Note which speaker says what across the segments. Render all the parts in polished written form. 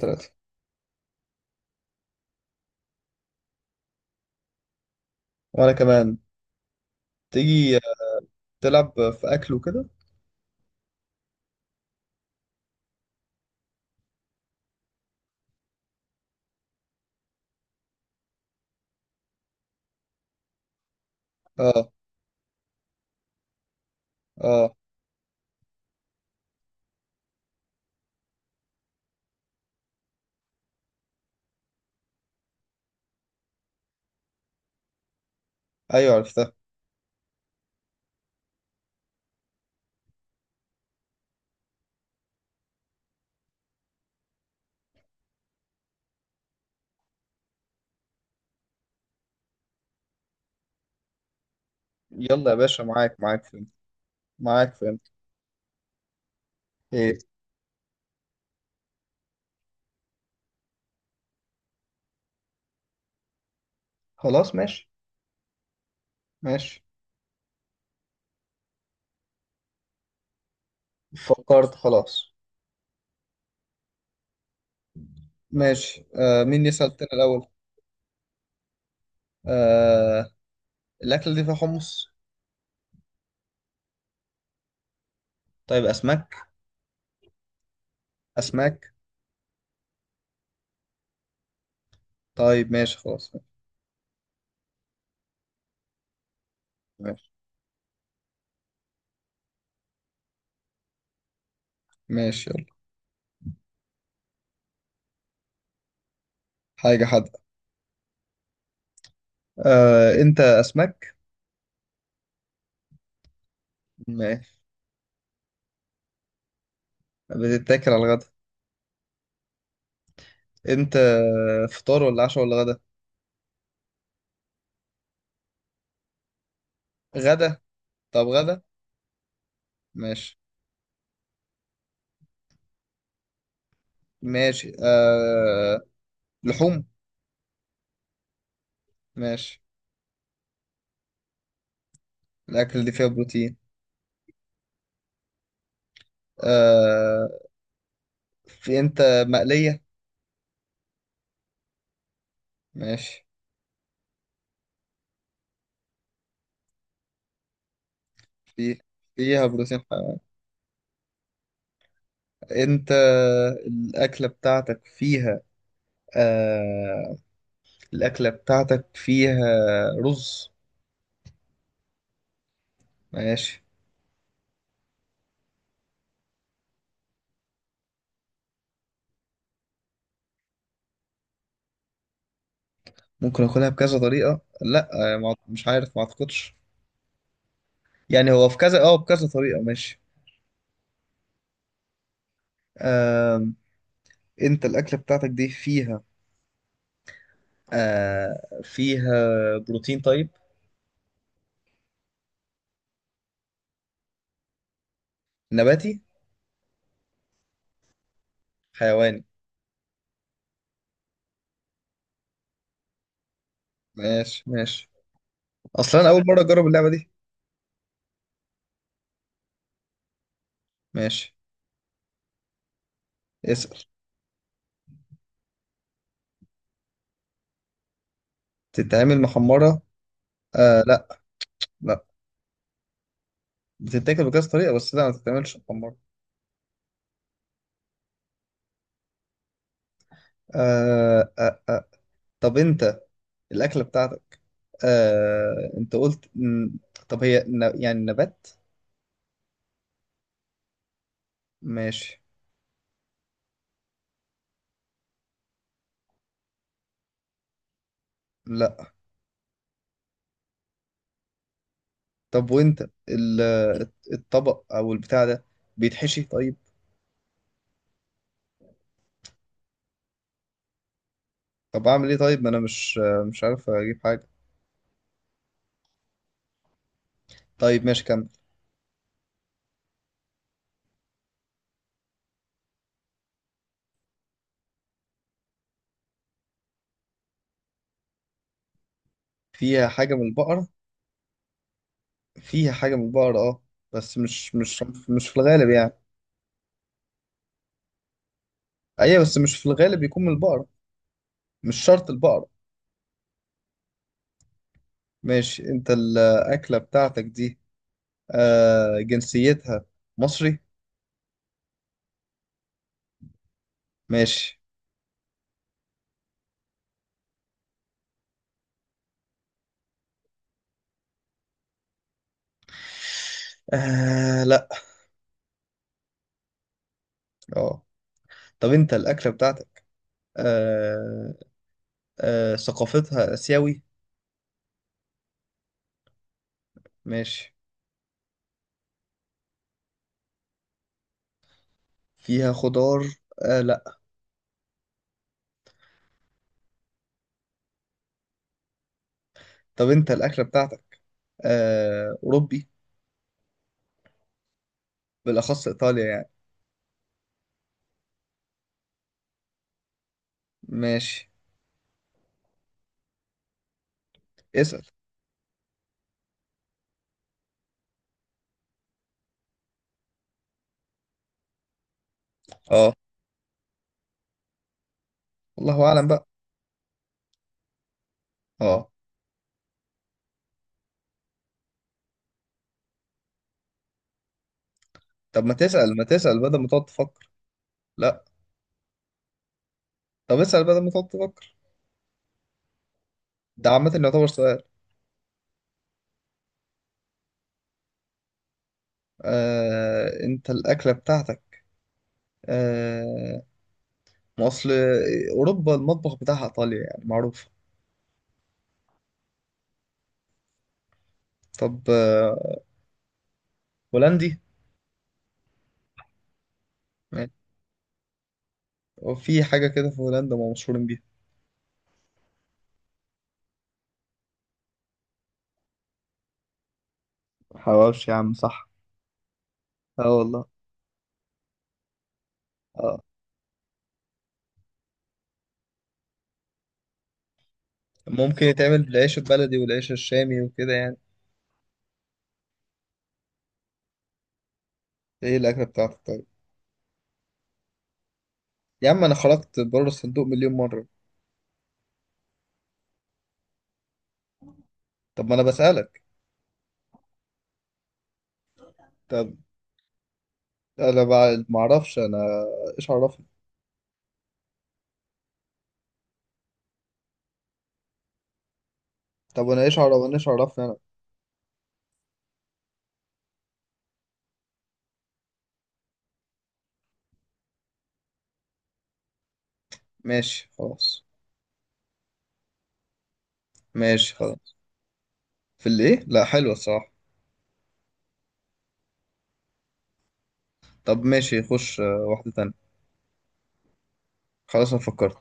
Speaker 1: ثلاثة. وأنا كمان. تيجي تلعب في أكل وكده؟ اه، اه. أيوة، عرفتها. يلا يا باشا، معاك فهمت. معاك فهمت. إيه؟ خلاص، ماشي. ماشي. فكرت، خلاص. ماشي. مين يسأل تاني الأول؟ آه. الأكلة دي فيها حمص؟ طيب، أسماك؟ أسماك؟ طيب ماشي خلاص. ماشي. ماشي، يلا. حاجة حادقة. أنت، أسماك؟ ماشي. بتتاكل على الغدا. أنت، فطار ولا عشاء ولا غدا؟ غدا؟ طب غدا. ماشي. ماشي. لحوم؟ ماشي. الأكل دي فيها بروتين. آه... في، أنت، مقلية؟ ماشي. في فيها بروتين حيواني. أنت، الأكلة بتاعتك فيها آه... الأكلة بتاعتك فيها رز؟ ماشي. ممكن أكلها بكذا طريقة. لا. مش عارف، ما أعتقدش. يعني هو في كذا بكذا طريقة. ماشي. آه... أنت، الأكلة بتاعتك دي فيها بروتين. طيب. نباتي؟ حيواني؟ ماشي. ماشي. اصلا انا اول مره اجرب اللعبه دي. ماشي. اسال. تتعمل محمره؟ آه، لا. لا، بتتاكل بكذا طريقه، بس لا ما تتعملش محمره. آه آه آه. طب انت، الاكله بتاعتك. انت قلت طب هي يعني، نبات؟ ماشي. لا. طب وانت الطبق او البتاع ده بيتحشي؟ طيب. طب اعمل ايه؟ طيب ما انا مش عارف اجيب حاجه. طيب ماشي، كمل. فيها حاجه من البقر؟ فيها حاجة من البقر اه. بس مش في الغالب يعني. ايوه بس مش في الغالب بيكون من البقرة. مش شرط البقرة. ماشي. انت، الأكلة بتاعتك دي، جنسيتها، مصري؟ ماشي. آه، لا. اه. طب انت الأكلة بتاعتك، آه ثقافتها آسيوي؟ ماشي. فيها خضار؟ آه، لا. طب انت الأكلة بتاعتك، أوروبي؟ بالأخص إيطاليا يعني؟ ماشي. اسأل. اه، والله أعلم بقى. اه. طب ما تسأل، ما تسأل، بدل ما تقعد تفكر. لا. طب اسأل، بدل ما تقعد تفكر. ده عامة يعتبر سؤال. انت الأكلة بتاعتك، آه... ما أصل، أوروبا المطبخ بتاعها إيطاليا يعني معروف. طب. هولندي؟ يعني في حاجة كده في هولندا ما مشهورين بيها؟ حواوشي! يا عم، صح. اه والله. اه، ممكن يتعمل بالعيش البلدي والعيش الشامي وكده يعني. ايه الأكلة بتاعتك طيب؟ يا عم أنا خرجت بره الصندوق مليون مرة. طب ما أنا بسألك. طب أنا ما أعرفش أنا. ايش عرفني. طب وانا ايش عرفني انا. ماشي خلاص. ماشي خلاص. في الايه؟ لا، حلوه الصراحه. طب ماشي، خش واحده تانية. خلاص انا فكرت.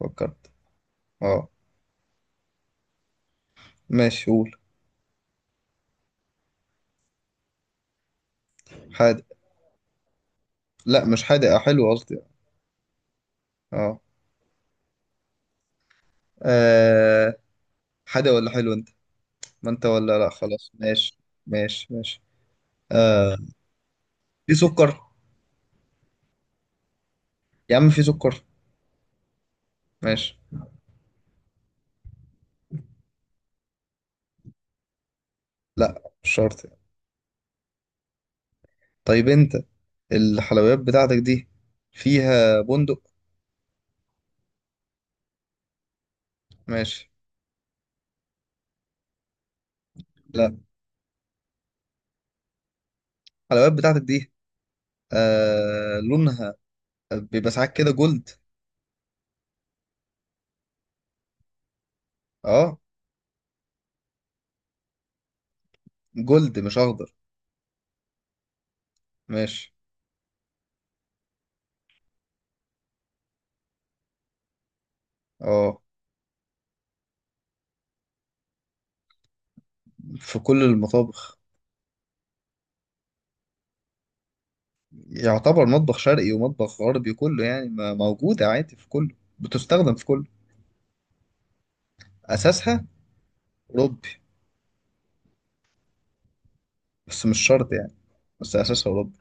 Speaker 1: فكرت. اه. ماشي، قول. حادق. لا مش حادق، حلو قصدي. اه. آه، حادق ولا حلو انت؟ ما انت ولا... لا خلاص، ماشي. ماشي. ماشي. آه. في سكر؟ يا عم، في سكر؟ ماشي. لا مش شرط يعني. طيب انت، الحلويات بتاعتك دي فيها بندق؟ ماشي. لا. الحلويات بتاعتك دي، لونها بيبقى ساعات كده جولد؟ اه. جولد مش اخضر. ماشي. اه. في كل المطابخ. يعتبر مطبخ شرقي ومطبخ غربي كله يعني، موجودة عادي في كله، بتستخدم في كله. اساسها اوروبي. بس مش شرط يعني. بس اساسها اوروبي.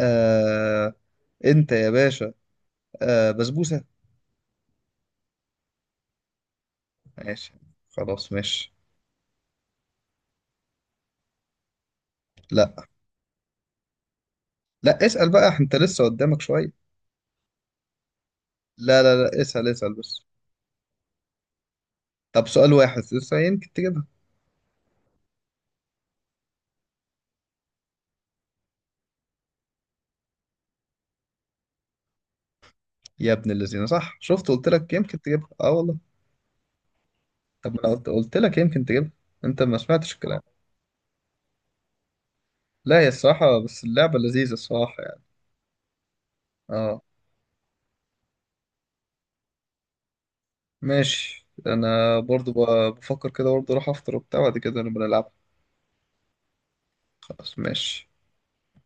Speaker 1: آه انت يا باشا، بسبوسة؟ ماشي خلاص. ماشي. لا، لا، اسأل بقى انت لسه قدامك شوية. لا، لا، لا، اسأل، اسأل بس. طب سؤال واحد لسه، يمكن تجيبها. يا ابن الذين! صح، شفت؟ قلت لك يمكن تجيبها. اه والله. طب ما انا قلت لك يمكن تجيبها. انت ما سمعتش الكلام. لا، هي الصراحة بس اللعبة لذيذة الصراحة يعني. اه. ماشي، انا برضو بفكر كده، برضو اروح افطر وبتاع، بعد كده نبقى نلعب. خلاص ماشي.